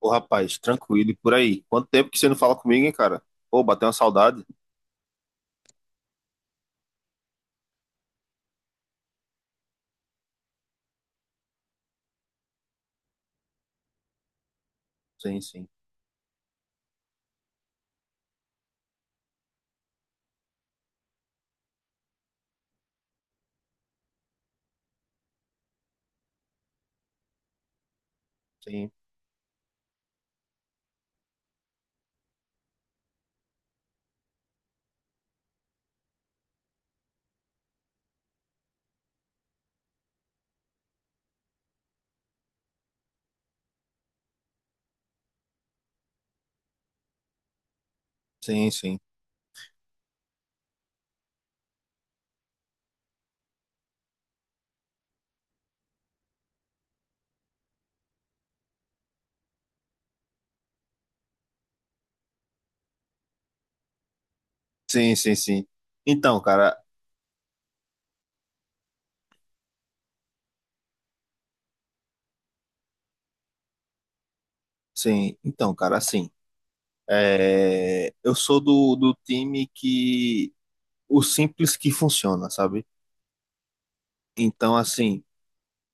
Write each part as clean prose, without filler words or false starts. Ô, rapaz, tranquilo e por aí. Quanto tempo que você não fala comigo, hein, cara? Pô, bateu uma saudade. Sim, sim, sim, sim, sim, sim, sim, sim. Então, cara, sim, então, cara, assim, é, eu sou do, do time que o simples que funciona, sabe? Então, assim,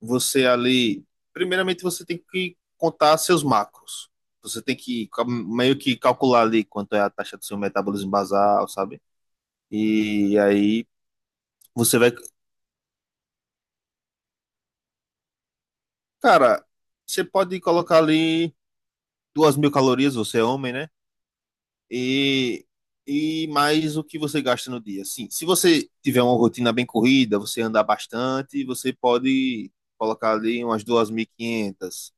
você ali, primeiramente você tem que contar seus macros. Você tem que meio que calcular ali quanto é a taxa do seu metabolismo basal, sabe? E aí você vai. Cara, você pode colocar ali 2.000 calorias, você é homem, né? E, e mais o que você gasta no dia. Sim, se você tiver uma rotina bem corrida, você andar bastante, você pode colocar ali umas duas mil e quinhentas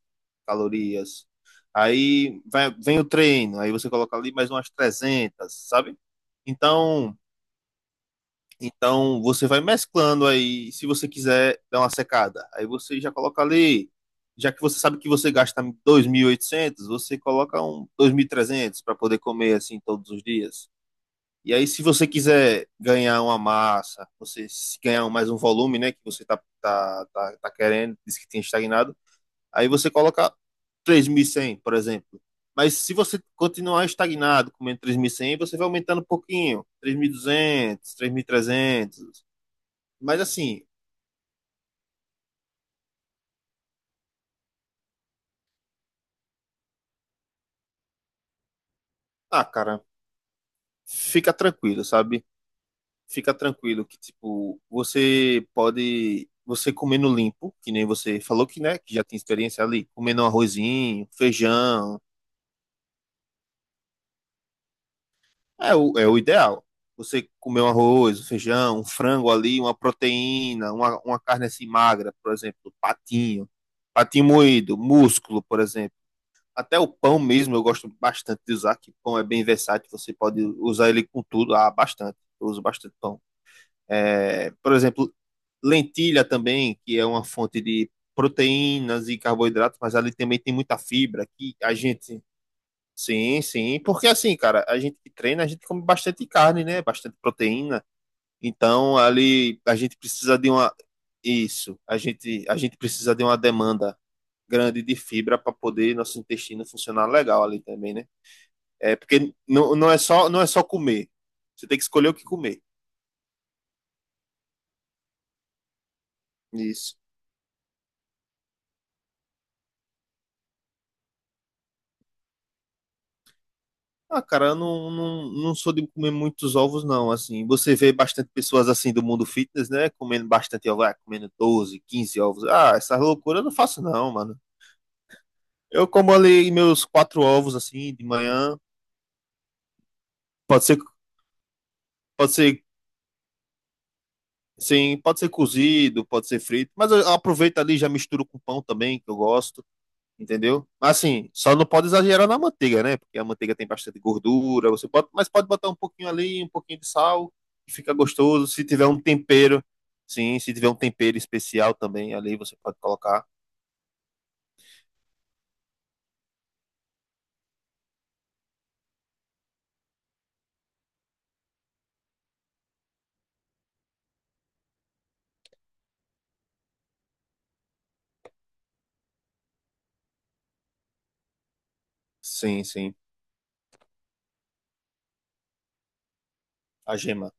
calorias. Vem o treino, aí você coloca ali mais umas 300, sabe? Então, então você vai mesclando aí, se você quiser dar uma secada. Aí você já coloca ali, já que você sabe que você gasta 2.800, você coloca um 2.300 para poder comer assim todos os dias. E aí se você quiser ganhar uma massa, você se ganhar mais um volume, né, que você tá querendo, diz que tem estagnado, aí você coloca 3.100, por exemplo. Mas se você continuar estagnado comendo 3.100, você vai aumentando um pouquinho, 3.200, 3.300, mas assim. Ah, cara, fica tranquilo, sabe? Fica tranquilo que, tipo, você pode, você comendo limpo, que nem você falou que, né, que já tem experiência ali, comendo um arrozinho, feijão, é o ideal. Você comer um arroz, um feijão, um frango ali, uma proteína, uma carne assim magra, por exemplo, patinho, patinho moído, músculo, por exemplo. Até o pão mesmo eu gosto bastante de usar, que pão é bem versátil, você pode usar ele com tudo, ah, bastante. Eu uso bastante pão. É, por exemplo, lentilha também, que é uma fonte de proteínas e carboidratos, mas ali também tem muita fibra, que a gente. Sim, sim, porque assim, cara, a gente que treina, a gente come bastante carne, né? Bastante proteína. Então, ali a gente precisa de uma. Isso, a gente precisa de uma demanda grande de fibra para poder nosso intestino funcionar legal ali também, né? É porque não é só, não é só comer. Você tem que escolher o que comer. Isso. Ah, cara, eu não sou de comer muitos ovos, não. Assim, você vê bastante pessoas assim do mundo fitness, né? Comendo bastante ovos, ah, comendo 12, 15 ovos. Ah, essa loucura eu não faço, não, mano. Eu como ali meus quatro ovos assim de manhã. Pode ser, pode ser, sim, pode ser cozido, pode ser frito, mas eu aproveito ali e já misturo com pão também, que eu gosto. Entendeu? Assim, só não pode exagerar na manteiga, né? Porque a manteiga tem bastante gordura, você pode, mas pode botar um pouquinho ali, um pouquinho de sal, que fica gostoso. Se tiver um tempero, sim, se tiver um tempero especial também ali, você pode colocar. Sim, sim. A gema,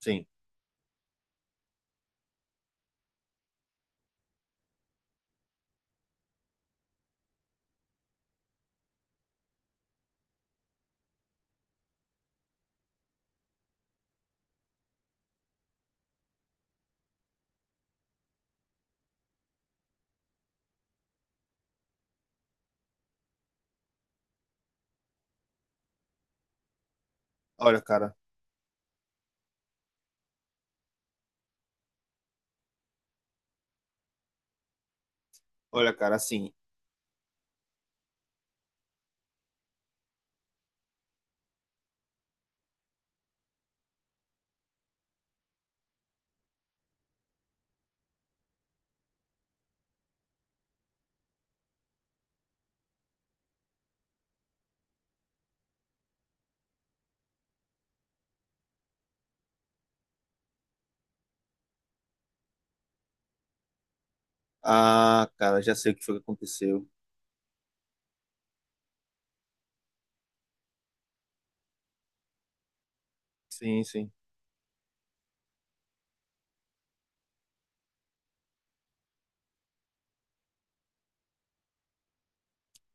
sim. Olha, cara, olha, cara, assim. Ah, cara, já sei o que foi que aconteceu. Sim, sim.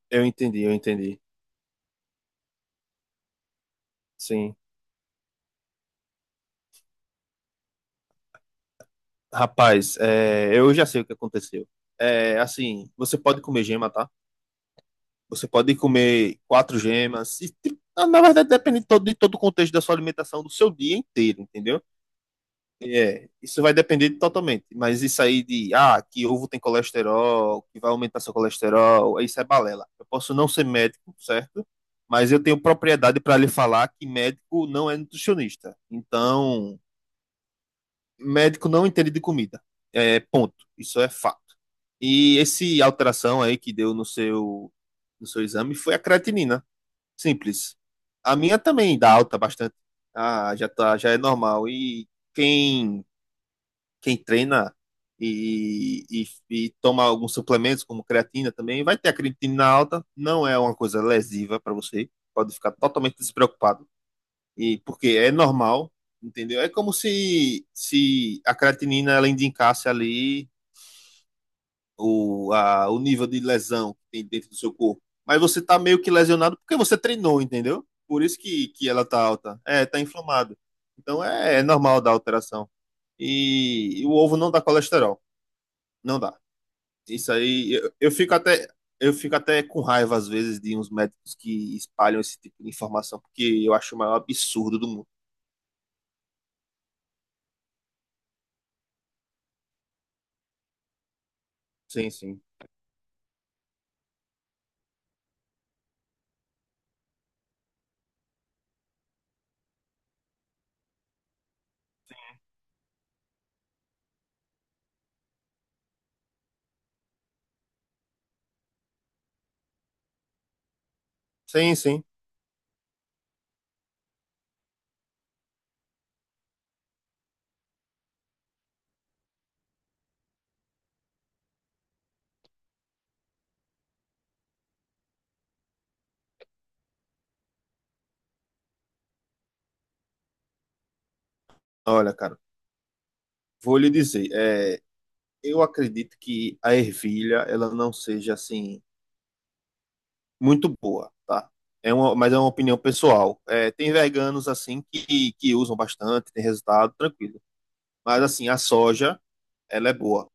Eu entendi. Sim. Rapaz, é, eu já sei o que aconteceu. É, assim, você pode comer gema, tá? Você pode comer quatro gemas. E, tipo, na verdade, depende de todo o contexto da sua alimentação do seu dia inteiro, entendeu? É, isso vai depender totalmente. Mas isso aí de, ah, que ovo tem colesterol, que vai aumentar seu colesterol, isso é balela. Eu posso não ser médico, certo? Mas eu tenho propriedade para lhe falar que médico não é nutricionista. Então, médico não entende de comida. É, ponto. Isso é fato. E esse alteração aí que deu no no seu exame foi a creatinina. Simples. A minha também dá alta bastante. Ah, já tá, já é normal. E quem, quem treina e, e, e toma alguns suplementos, como creatina também, vai ter a creatina alta. Não é uma coisa lesiva para você. Pode ficar totalmente despreocupado. E porque é normal, entendeu? É como se a creatinina ela indicasse ali o nível de lesão que tem dentro do seu corpo. Mas você tá meio que lesionado porque você treinou, entendeu? Por isso que ela tá alta. É, tá inflamado. Então é, é normal dar alteração. E o ovo não dá colesterol. Não dá. Isso aí, eu fico até. Eu fico até com raiva, às vezes, de uns médicos que espalham esse tipo de informação, porque eu acho o maior absurdo do mundo. Sim, sim. Sim, sim. Olha, cara, vou lhe dizer, é, eu acredito que a ervilha, ela não seja, assim, muito boa, tá? É uma, mas é uma opinião pessoal. É, tem veganos assim que usam bastante, tem resultado, tranquilo. Mas assim, a soja, ela é boa.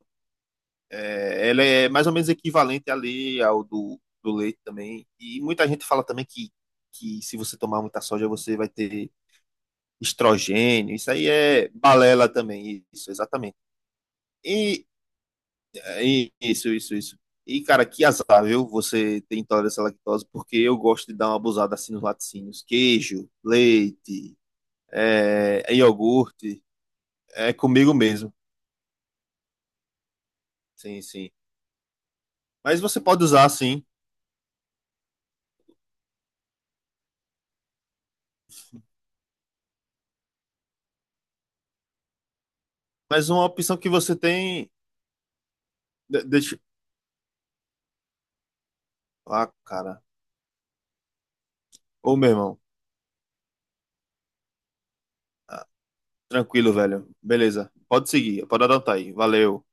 É, ela é mais ou menos equivalente ali ao do leite também. E muita gente fala também que se você tomar muita soja, você vai ter estrogênio. Isso aí é balela também, isso, exatamente. E isso, isso. E, cara, que azar, viu? Você tem intolerância à lactose, porque eu gosto de dar uma abusada assim nos laticínios. Queijo, leite, é iogurte, é comigo mesmo. Sim, sim. Mas você pode usar, sim. Mas uma opção que você tem. Deixa. Ah, cara. Ô, meu irmão. Ah, tranquilo, velho. Beleza. Pode seguir, pode adotar aí. Valeu.